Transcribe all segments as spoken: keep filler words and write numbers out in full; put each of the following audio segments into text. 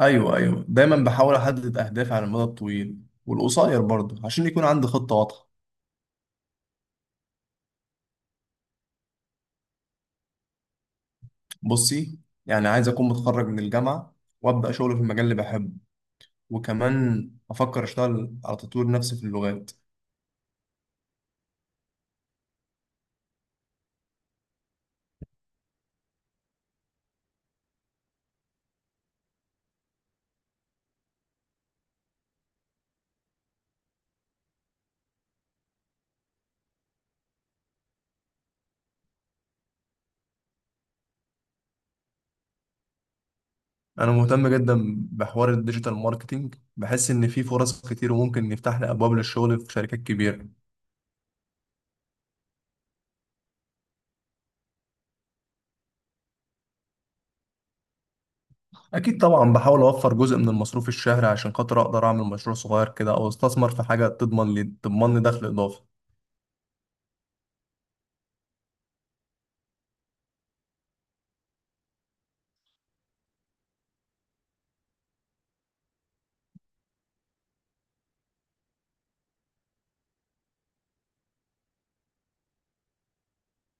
ايوه، ايوه، دايما بحاول احدد اهدافي على المدى الطويل والقصير برضه عشان يكون عندي خطه واضحه. بصي، يعني عايز اكون متخرج من الجامعه وابدا شغل في المجال اللي بحبه، وكمان افكر اشتغل على تطوير نفسي في اللغات. انا مهتم جدا بحوار الديجيتال ماركتينج، بحس ان في فرص كتير وممكن يفتح لي ابواب للشغل في شركات كبيره. اكيد طبعا، بحاول اوفر جزء من المصروف الشهري عشان خاطر اقدر اعمل مشروع صغير كده او استثمر في حاجه تضمن لي تضمن لي دخل اضافي.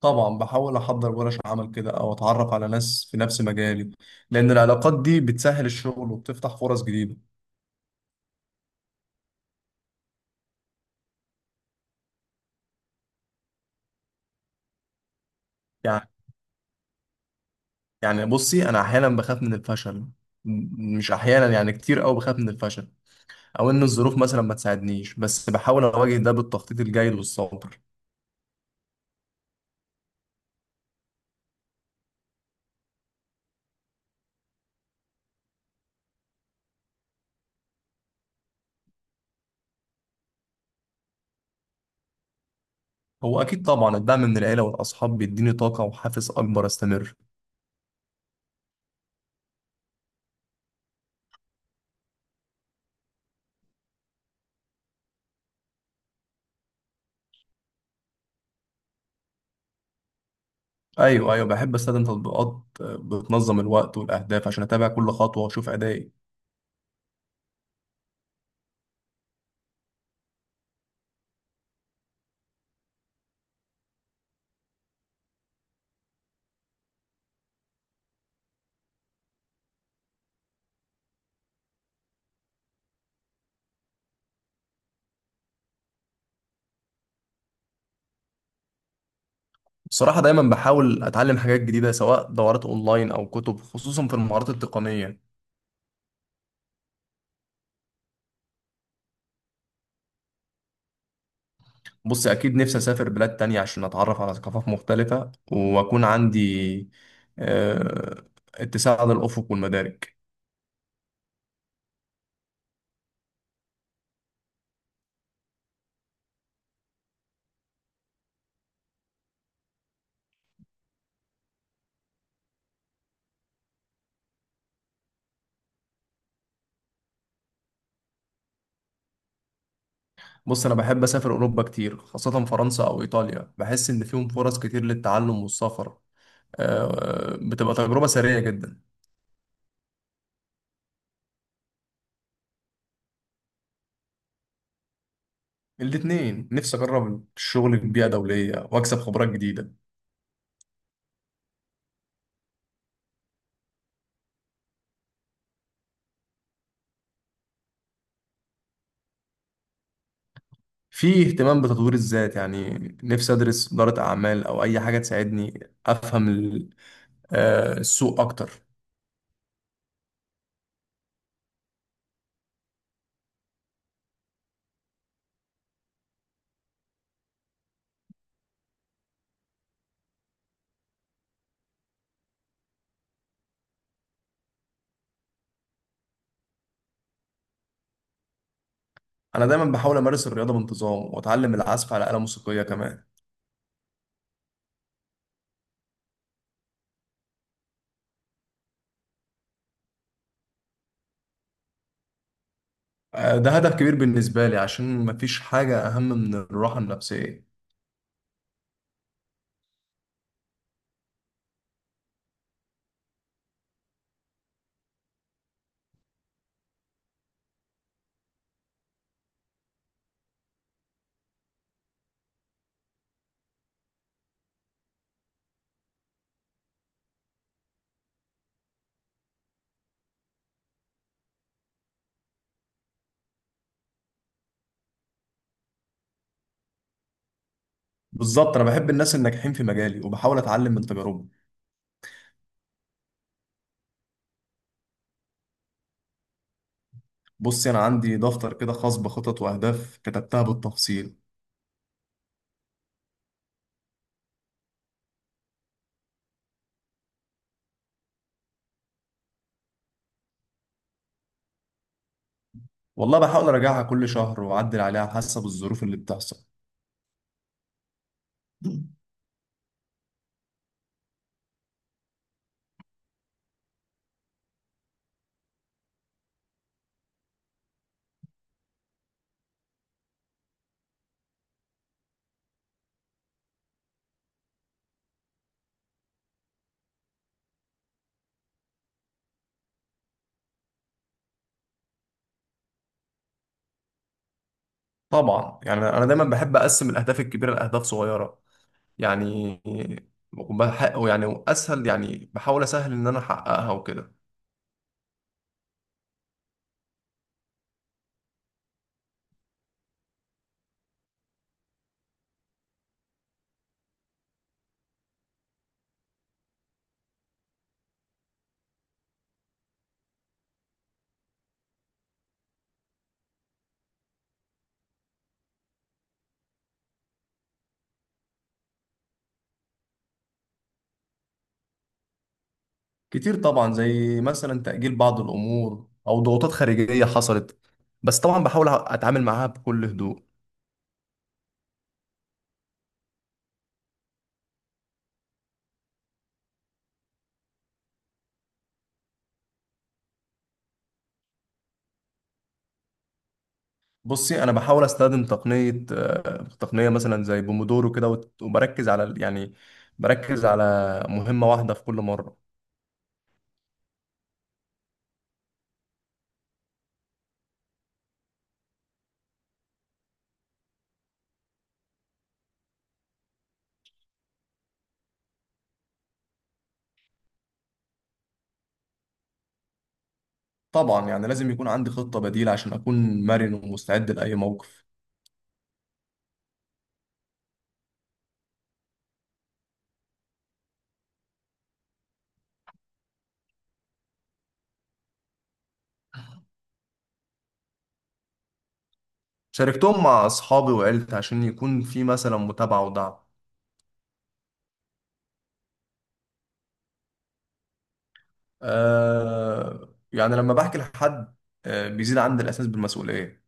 طبعا بحاول احضر ورش عمل كده او اتعرف على ناس في نفس مجالي، لان العلاقات دي بتسهل الشغل وبتفتح فرص جديدة. يعني يعني بصي، انا احيانا بخاف من الفشل. م- مش احيانا، يعني كتير قوي بخاف من الفشل او ان الظروف مثلا ما تساعدنيش، بس بحاول اواجه ده بالتخطيط الجيد والصبر. هو اكيد طبعا الدعم من العيلة والاصحاب بيديني طاقة وحافز اكبر استمر. ايوه، ايوه، بحب استخدم تطبيقات آه، بتنظم الوقت والاهداف عشان اتابع كل خطوة واشوف ادائي. بصراحة دايما بحاول أتعلم حاجات جديدة، سواء دورات أونلاين أو كتب، خصوصا في المهارات التقنية. بص، أكيد نفسي أسافر بلاد تانية عشان أتعرف على ثقافات مختلفة وأكون عندي آه، اتساع للأفق والمدارك. بص، أنا بحب أسافر أوروبا كتير، خاصة فرنسا أو إيطاليا، بحس إن فيهم فرص كتير للتعلم والسفر. آه، بتبقى تجربة سريعة جدا. الاتنين، نفسي أجرب الشغل في بيئة دولية وأكسب خبرات جديدة. في اهتمام بتطوير الذات، يعني نفسي ادرس إدارة اعمال او اي حاجة تساعدني افهم ال- آه، السوق اكتر. انا دايما بحاول امارس الرياضة بانتظام واتعلم العزف على آلة موسيقية كمان. آه، ده هدف كبير بالنسبة لي عشان مفيش حاجة اهم من الراحة النفسية. بالظبط، انا بحب الناس الناجحين في مجالي وبحاول اتعلم من تجاربهم. بصي، انا عندي دفتر كده خاص بخطط واهداف كتبتها بالتفصيل. والله بحاول اراجعها كل شهر واعدل عليها حسب الظروف اللي بتحصل. طبعا، يعني انا دايما بحب اقسم الاهداف الكبيره لاهداف صغيره، يعني وبحقق، يعني اسهل، يعني بحاول اسهل ان انا احققها وكده. كتير طبعا، زي مثلا تاجيل بعض الامور او ضغوطات خارجيه حصلت، بس طبعا بحاول اتعامل معاها بكل هدوء. بصي، انا بحاول استخدم تقنيه، آه، تقنيه مثلا زي بومودورو كده، وت- وبركز على ال- يعني بركز على مهمه واحده في كل مره. طبعا، يعني لازم يكون عندي خطه بديله عشان اكون مرن ومستعد لاي موقف. شاركتهم مع أصحابي وعيلتي عشان يكون في مثلا متابعة ودعم. آه، يعني لما بحكي لحد آه بيزيد عندي الإحساس بالمسؤولية.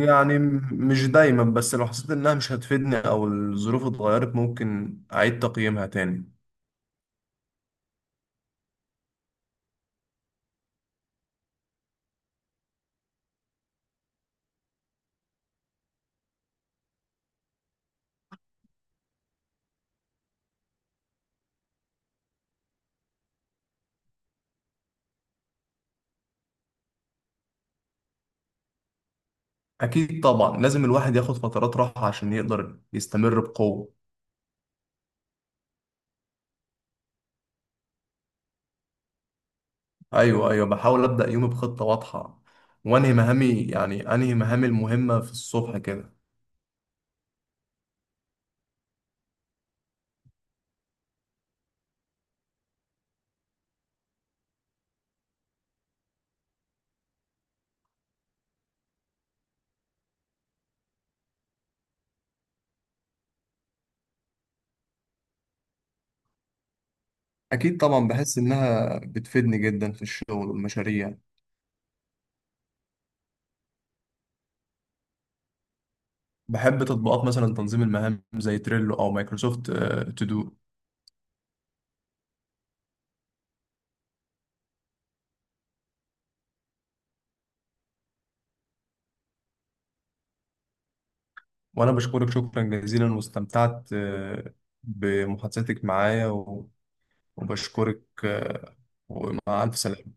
يعني م- مش دايما، بس لو حسيت إنها مش هتفيدني أو الظروف اتغيرت ممكن أعيد تقييمها تاني. أكيد طبعا، لازم الواحد ياخد فترات راحة عشان يقدر يستمر بقوة. أيوه، أيوه، بحاول أبدأ يومي بخطة واضحة وأنهي مهامي، يعني أنهي مهامي المهمة في الصبح كده. أكيد طبعا، بحس إنها بتفيدني جدا في الشغل والمشاريع. بحب تطبيقات مثلا تنظيم المهام زي تريلو أو مايكروسوفت تو دو. وأنا بشكرك شكرا جزيلا، واستمتعت آه، بمحادثتك معايا و- وبشكرك، آه، ومع ألف سلامة.